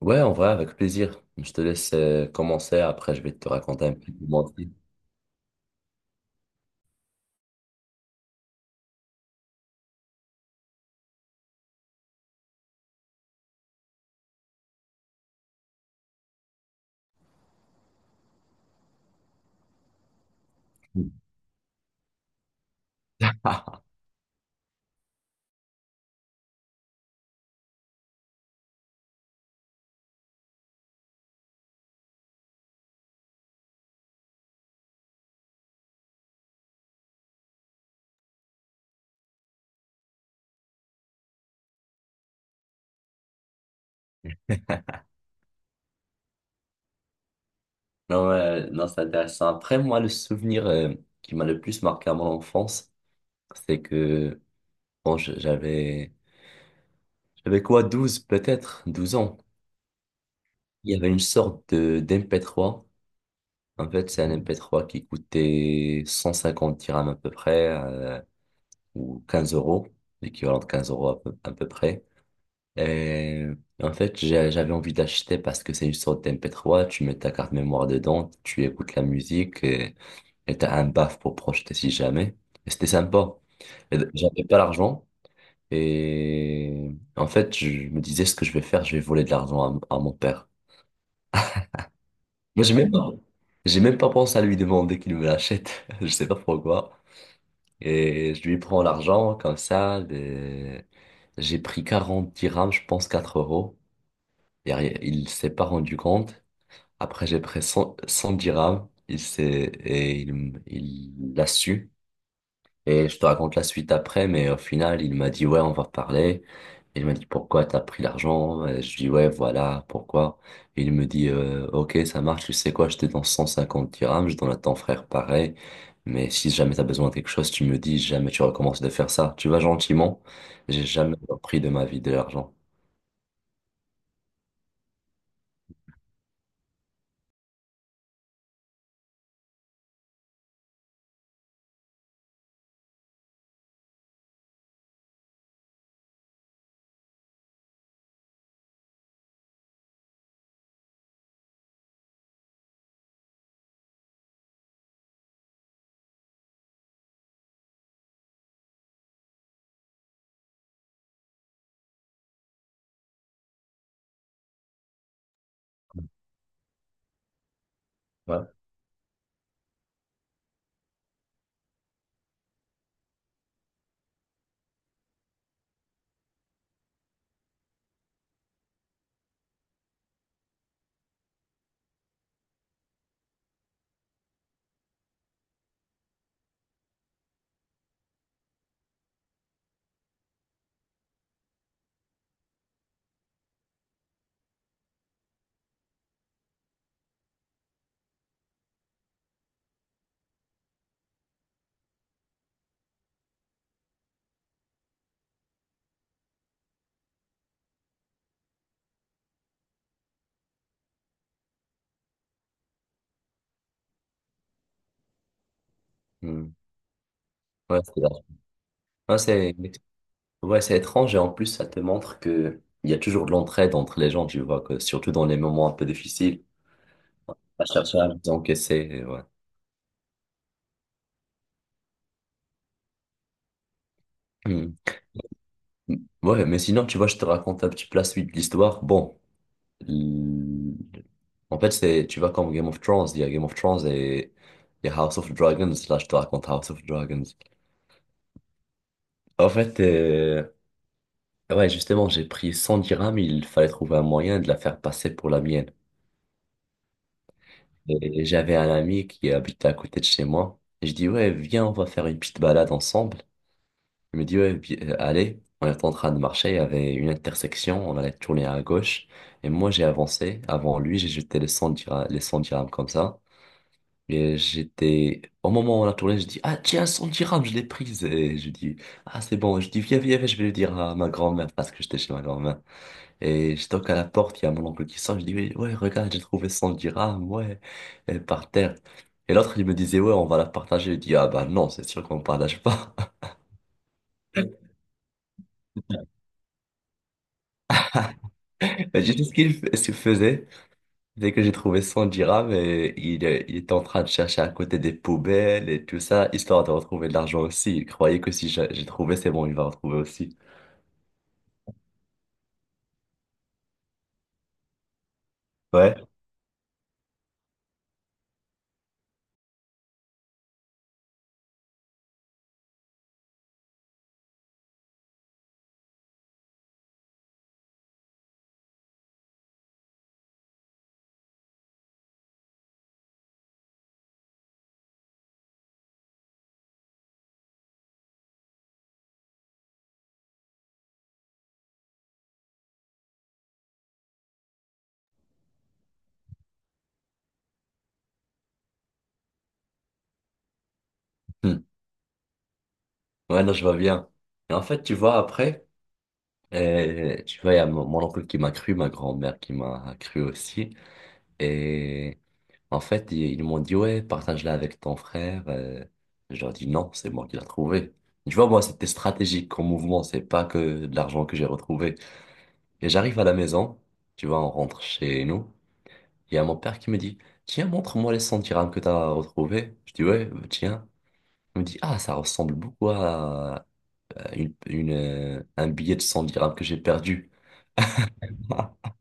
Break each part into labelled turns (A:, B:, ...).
A: Ouais, en vrai, avec plaisir. Je te laisse commencer, après je vais te raconter un peu mon trip. Non, non, c'est intéressant. Après, moi, le souvenir qui m'a le plus marqué à mon enfance, c'est que bon, j'avais quoi, 12 peut-être, 12 ans. Il y avait une sorte de d'MP3. En fait, c'est un MP3 qui coûtait 150 dirhams à peu près, ou 15 euros, l'équivalent de 15 euros à peu près. Euh, en fait, j'avais envie d'acheter parce que c'est une sorte dmp trois. Tu mets ta carte mémoire dedans, tu écoutes la musique et t'as un baf pour projeter si jamais. Et c'était sympa. Et j'avais pas l'argent et en fait, je me disais ce que je vais faire, je vais voler de l'argent à mon père. Moi, j'ai même pas pensé à lui demander qu'il me l'achète. Je sais pas pourquoi. Et je lui prends l'argent comme ça. J'ai pris 40 dirhams, je pense 4 euros. Derrière, il s'est pas rendu compte. Après, j'ai pris 100, 100 dirhams. Il s'est, et il l'a su. Et je te raconte la suite après, mais au final, il m'a dit, ouais, on va parler. Il m'a dit, pourquoi t'as pris l'argent? Et je dis, ouais, voilà, pourquoi? Et il me dit, ok, ça marche, tu sais quoi, je te donne 150 dirhams, je donne à ton frère pareil. Mais si jamais t'as besoin de quelque chose, tu me dis. Si jamais tu recommences de faire ça. Tu vas gentiment. J'ai jamais repris de ma vie de l'argent. Ouais. Hmm. Ouais, c'est là. Ouais, c'est Ouais, c'est étrange et en plus, ça te montre que il y a toujours de l'entraide entre les gens, tu vois, que surtout dans les moments un peu difficiles, à chercher à les encaisser, ouais. Hmm. Ouais, mais sinon, tu vois, je te raconte un petit peu la suite de l'histoire. Bon, l- en fait, c'est, tu vois, comme Game of Thrones, il y a Game of Thrones et il y a House of Dragons. Là, je te raconte House of Dragons. En fait, ouais, justement, j'ai pris 100 dirhams, il fallait trouver un moyen de la faire passer pour la mienne. Et j'avais un ami qui habitait à côté de chez moi. Et je dis, ouais, viens, on va faire une petite balade ensemble. Il me dit, ouais, allez. On était en train de marcher, il y avait une intersection, on allait tourner à gauche. Et moi, j'ai avancé avant lui, j'ai jeté les 100 dirhams, les 100 dirhams comme ça. Et j'étais, au moment où on a tourné, je dis, ah, tiens, 100 dirhams, je l'ai prise. Et je dis, ah, c'est bon. Je dis, viens, viens, viens, je vais le dire à ma grand-mère parce que j'étais chez ma grand-mère. Et je toque à la porte, il y a mon oncle qui sort, je dis, oui, ouais, regarde, j'ai trouvé 100 dirhams, ouais, et par terre. Et l'autre, il me disait, ouais, on va la partager. Je dis, ah bah non, c'est sûr qu'on partage pas. Mais j'ai dit ce qu'il ce qu'il faisait, dès que j'ai trouvé 100 dirhams, et il était en train de chercher à côté des poubelles et tout ça, histoire de retrouver de l'argent aussi. Il croyait que si j'ai trouvé, c'est bon, il va retrouver aussi. Ouais. Hmm. Ouais, non, je vois bien. Et en fait, tu vois, après, tu vois, il y a mon oncle qui m'a cru, ma grand-mère qui m'a cru aussi. Et en fait, ils m'ont dit, ouais, partage-la avec ton frère. Je leur ai dit, non, c'est moi qui l'ai trouvé. Tu vois, moi, c'était stratégique comme mouvement, c'est pas que de l'argent que j'ai retrouvé. Et j'arrive à la maison, tu vois, on rentre chez nous. Il y a mon père qui me dit, tiens, montre-moi les 100 dirhams que t'as retrouvés. Je dis, ouais, tiens. Il me dit, ah, ça ressemble beaucoup à un billet de 100 dirhams que j'ai perdu.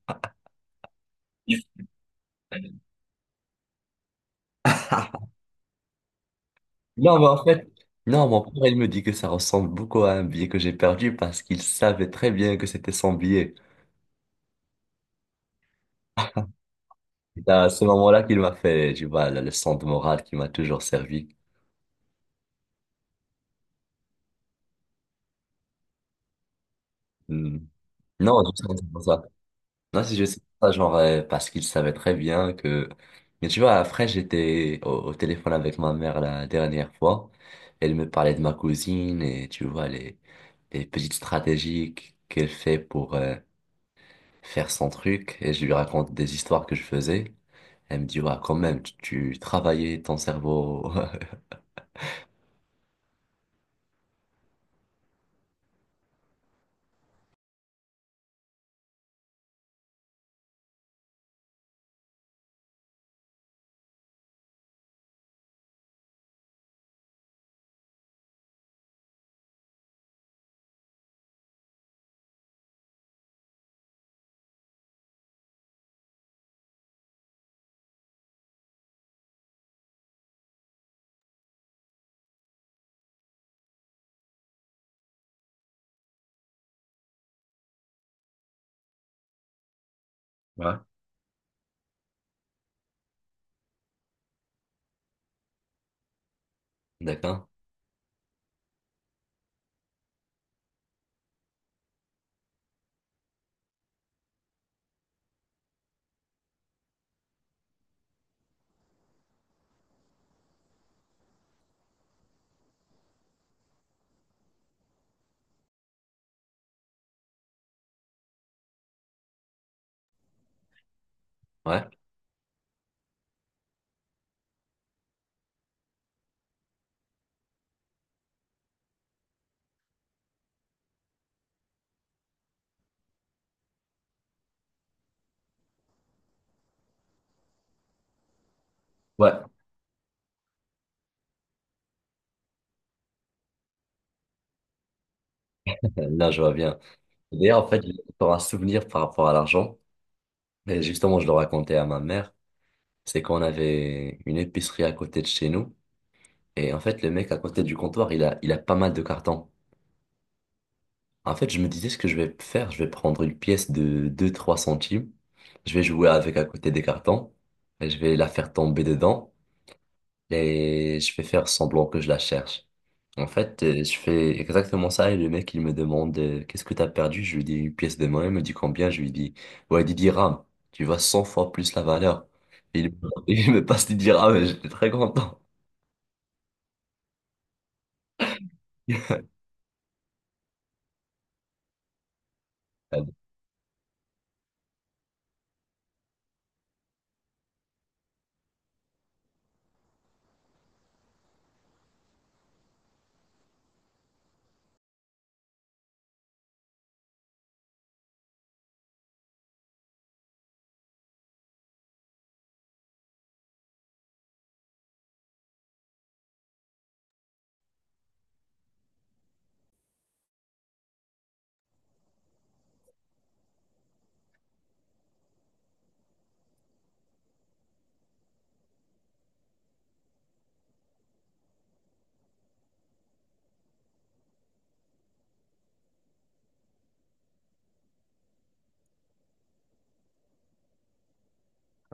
A: Non, mais en fait, non, mon père, il me dit que ça ressemble beaucoup à un billet que j'ai perdu parce qu'il savait très bien que c'était son billet. C'est à ce moment-là qu'il m'a fait, tu vois, la leçon de morale qui m'a toujours servi. Hmm. Non, je sais pas ça. Non, c'est juste ça, genre, parce qu'il savait très bien que. Mais tu vois, après, j'étais au téléphone avec ma mère la dernière fois. Elle me parlait de ma cousine et tu vois, les petites stratégies qu'elle fait pour faire son truc. Et je lui raconte des histoires que je faisais. Elle me dit, ouais, quand même, tu travaillais ton cerveau. Ouais. D'accord? Ouais. Ouais. Là, je vois bien. D'ailleurs, en fait, j'ai encore un souvenir par rapport à l'argent. Et justement, je le racontais à ma mère. C'est qu'on avait une épicerie à côté de chez nous. Et en fait, le mec à côté du comptoir, il a pas mal de cartons. En fait, je me disais ce que je vais faire. Je vais prendre une pièce de deux trois centimes. Je vais jouer avec à côté des cartons. Et je vais la faire tomber dedans. Et je vais faire semblant que je la cherche. En fait, je fais exactement ça et le mec, il me demande qu'est-ce que t'as perdu? Je lui dis une pièce de monnaie, il me dit combien? Je lui dis, ouais, 10 dirhams. Tu vois 100 fois plus la valeur. Et il, me il me passe 10 dirhams et j'étais très content.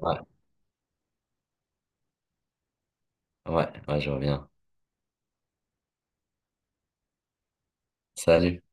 A: Ouais, ouais, ouais, je reviens. Salut.